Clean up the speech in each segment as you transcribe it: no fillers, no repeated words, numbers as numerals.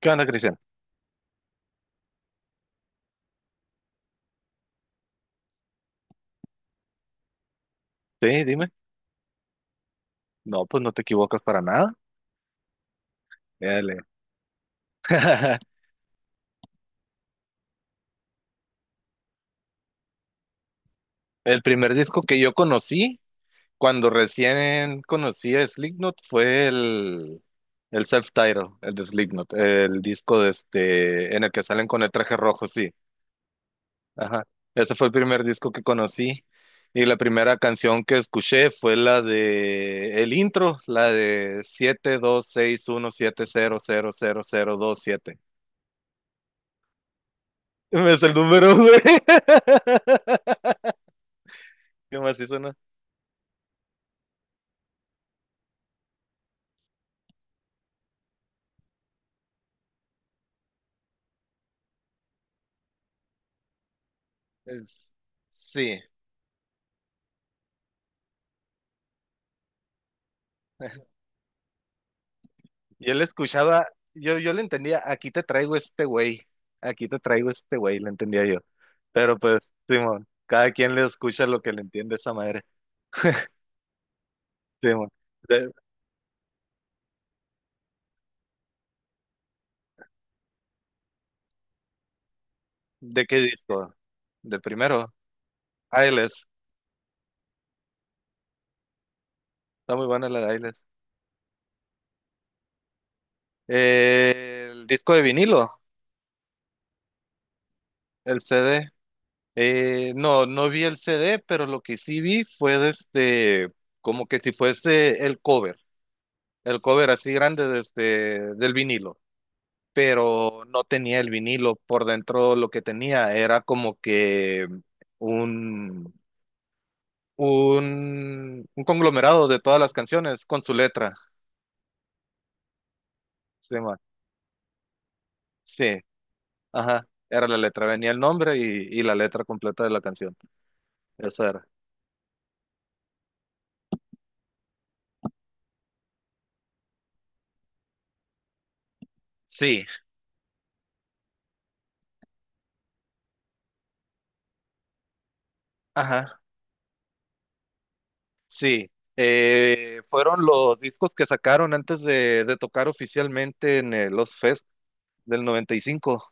¿Qué onda, Cristian? Sí, dime. No, pues no te equivocas para nada. Dale. El primer disco que yo conocí, cuando recién conocí a Slipknot, fue el self titled, el de Slipknot, el disco de este, en el que salen con el traje rojo, sí. Ajá. Ese fue el primer disco que conocí. Y la primera canción que escuché fue la de el intro, la de 742617000027. Me Es el número, güey. ¿Qué más hizo, no? Es- Sí, yo le escuchaba, yo le entendía, aquí te traigo este güey, aquí te traigo este güey, le entendía yo. Pero pues, Simón, cada quien le escucha lo que le entiende esa madre. Simón, ¿de, de qué disco? De primero, Ailes, está muy buena la de Ailes. El disco de vinilo, el CD. No, no vi el CD, pero lo que sí vi fue de este, como que si fuese el cover así grande del vinilo, pero no tenía el vinilo por dentro, lo que tenía era como que un, un conglomerado de todas las canciones con su letra, se llama. Sí, ajá, era la letra, venía el nombre y la letra completa de la canción, esa era. Sí, ajá. Sí, fueron los discos que sacaron antes de tocar oficialmente en el Los Fest del 95.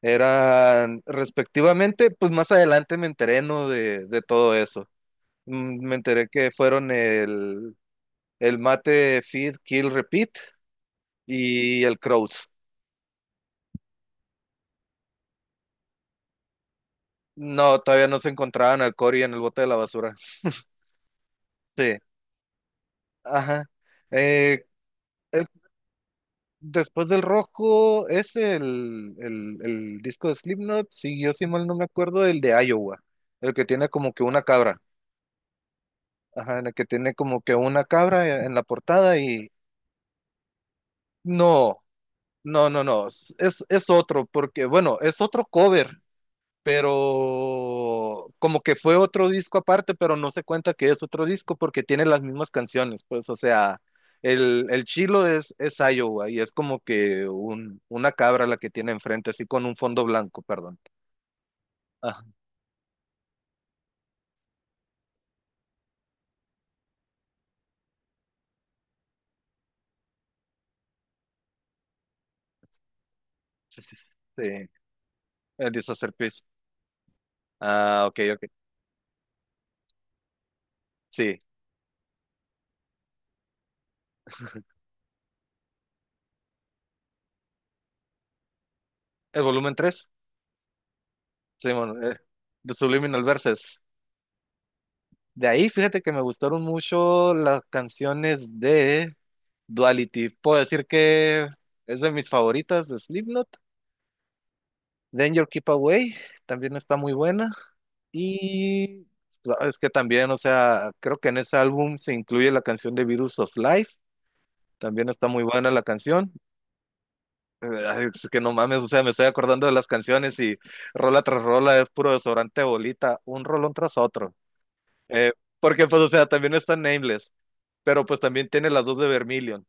Eran respectivamente, pues más adelante me enteré, ¿no? de todo eso. Me enteré que fueron el Mate, Feed, Kill, Repeat y el Crowds. No, todavía no se encontraban al Cory en el bote de la basura. Sí, ajá. Eh, Después del rojo es el disco de Slipknot, si mal no me acuerdo, el de Iowa, el que tiene como que una cabra, ajá, en el que tiene como que una cabra en la portada y no, no, no, no, es otro, porque bueno, es otro cover, pero como que fue otro disco aparte, pero no se cuenta que es otro disco porque tiene las mismas canciones, pues, o sea, el chilo es Iowa y es como que una cabra la que tiene enfrente, así con un fondo blanco, perdón. Ah, sí, el Disaster Piece. Ah, ok, ok. Sí, el volumen tres, sí, bueno, The Subliminal Verses. De ahí, fíjate que me gustaron mucho las canciones de Duality. Puedo decir que es de mis favoritas de Slipknot. Danger Keep Away también está muy buena. Y es que también, o sea, creo que en ese álbum se incluye la canción de Virus of Life. También está muy buena la canción. Ay, es que no mames, o sea, me estoy acordando de las canciones y rola tras rola es puro desodorante de bolita, un rolón tras otro. Eh, Porque, pues, o sea, también está Nameless, pero pues también tiene las dos de Vermilion.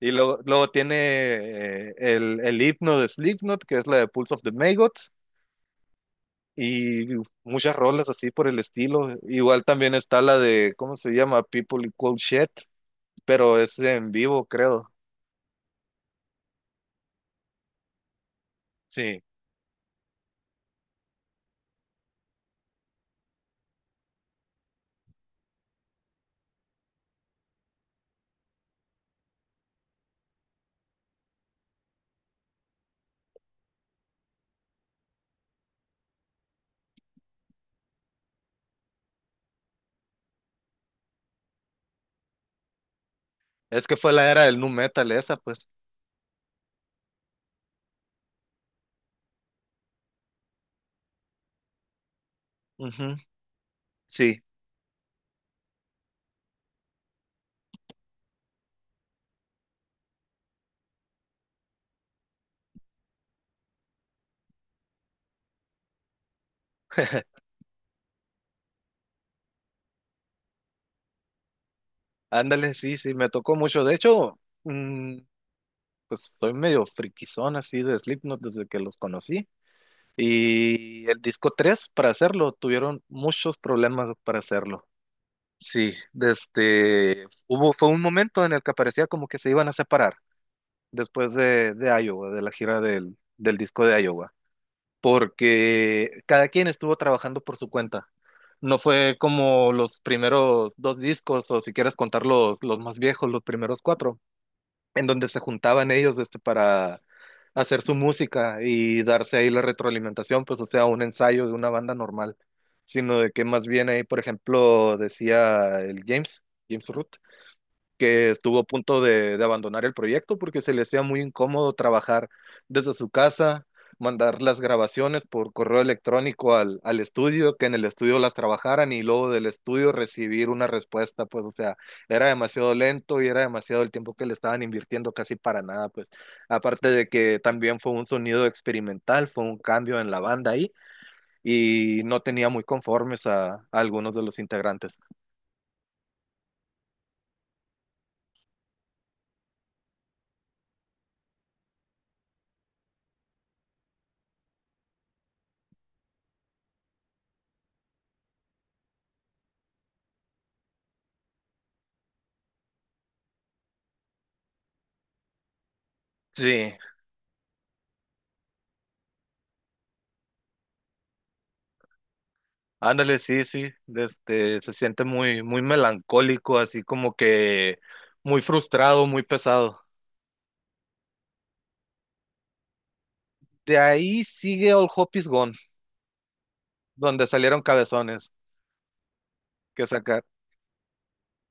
Y luego, luego tiene el himno de Slipknot, que es la de Pulse of the Maggots. Y muchas rolas así por el estilo. Igual también está la de, ¿cómo se llama? People Equal Shit, pero es en vivo, creo. Sí, es que fue la era del nu metal esa, pues. Ujú, sí, ándale, sí, sí, me tocó mucho. De hecho, mm, pues soy medio friquizón así de Slipknot desde que los conocí. Y el disco 3 para hacerlo, tuvieron muchos problemas para hacerlo. Sí, desde hubo fue un momento en el que parecía como que se iban a separar después de Iowa, de la gira del disco de Iowa, porque cada quien estuvo trabajando por su cuenta. No fue como los primeros dos discos, o si quieres contar los más viejos, los primeros cuatro, en donde se juntaban ellos este, para hacer su música y darse ahí la retroalimentación, pues o sea, un ensayo de una banda normal, sino de que más bien ahí, por ejemplo, decía el James, James Root, que estuvo a punto de abandonar el proyecto porque se le hacía muy incómodo trabajar desde su casa, mandar las grabaciones por correo electrónico al estudio, que en el estudio las trabajaran y luego del estudio recibir una respuesta, pues o sea, era demasiado lento y era demasiado el tiempo que le estaban invirtiendo casi para nada, pues aparte de que también fue un sonido experimental, fue un cambio en la banda ahí y no tenía muy conformes a algunos de los integrantes. Sí, ándale, sí, sí, este, se siente muy, muy melancólico, así como que muy frustrado, muy pesado. De ahí sigue All Hope Is Gone, donde salieron cabezones que sacar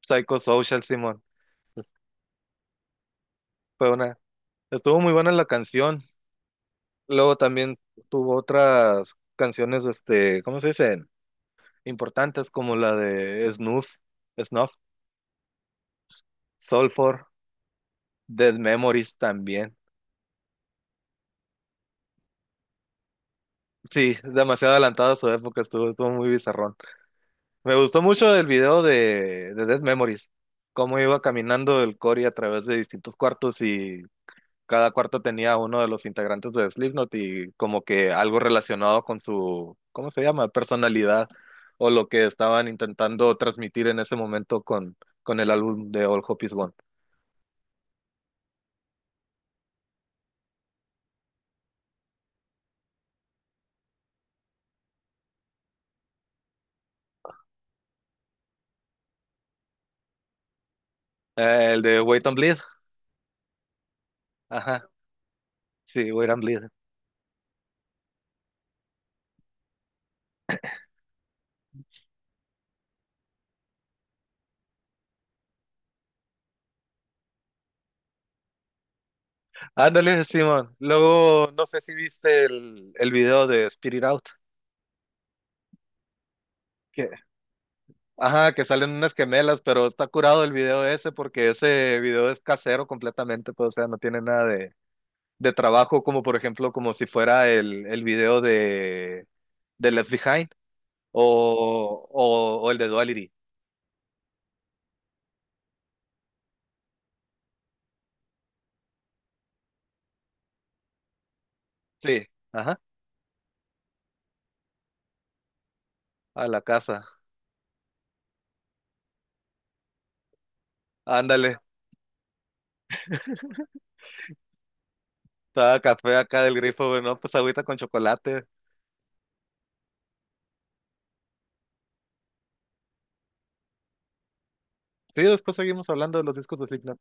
Psychosocial, Simón. Fue una, Estuvo muy buena la canción. Luego también tuvo otras canciones, este, ¿cómo se dicen? Importantes como la de Snuff, Snuff, Soulfor, Dead Memories también. Sí, demasiado adelantada a su época, estuvo muy bizarrón. Me gustó mucho el video de Dead Memories, cómo iba caminando el Cory a través de distintos cuartos y cada cuarto tenía uno de los integrantes de Slipknot y como que algo relacionado con su, ¿cómo se llama? Personalidad o lo que estaban intentando transmitir en ese momento con, el álbum de All Hope Is Gone. El de Wait and Bleed. Ajá, sí, Wait and Bleed. Ándale, Simón. Luego, no sé si viste el video de Spirit Out. Que Ajá, que salen unas gemelas, pero está curado el video ese porque ese video es casero completamente, pues, o sea, no tiene nada de trabajo, como por ejemplo, como si fuera el video de Left Behind o el de Duality. Sí, ajá, a la casa. Ándale, estaba café acá del grifo, güey, no, pues agüita con chocolate. Sí, después seguimos hablando de los discos de Slipknot.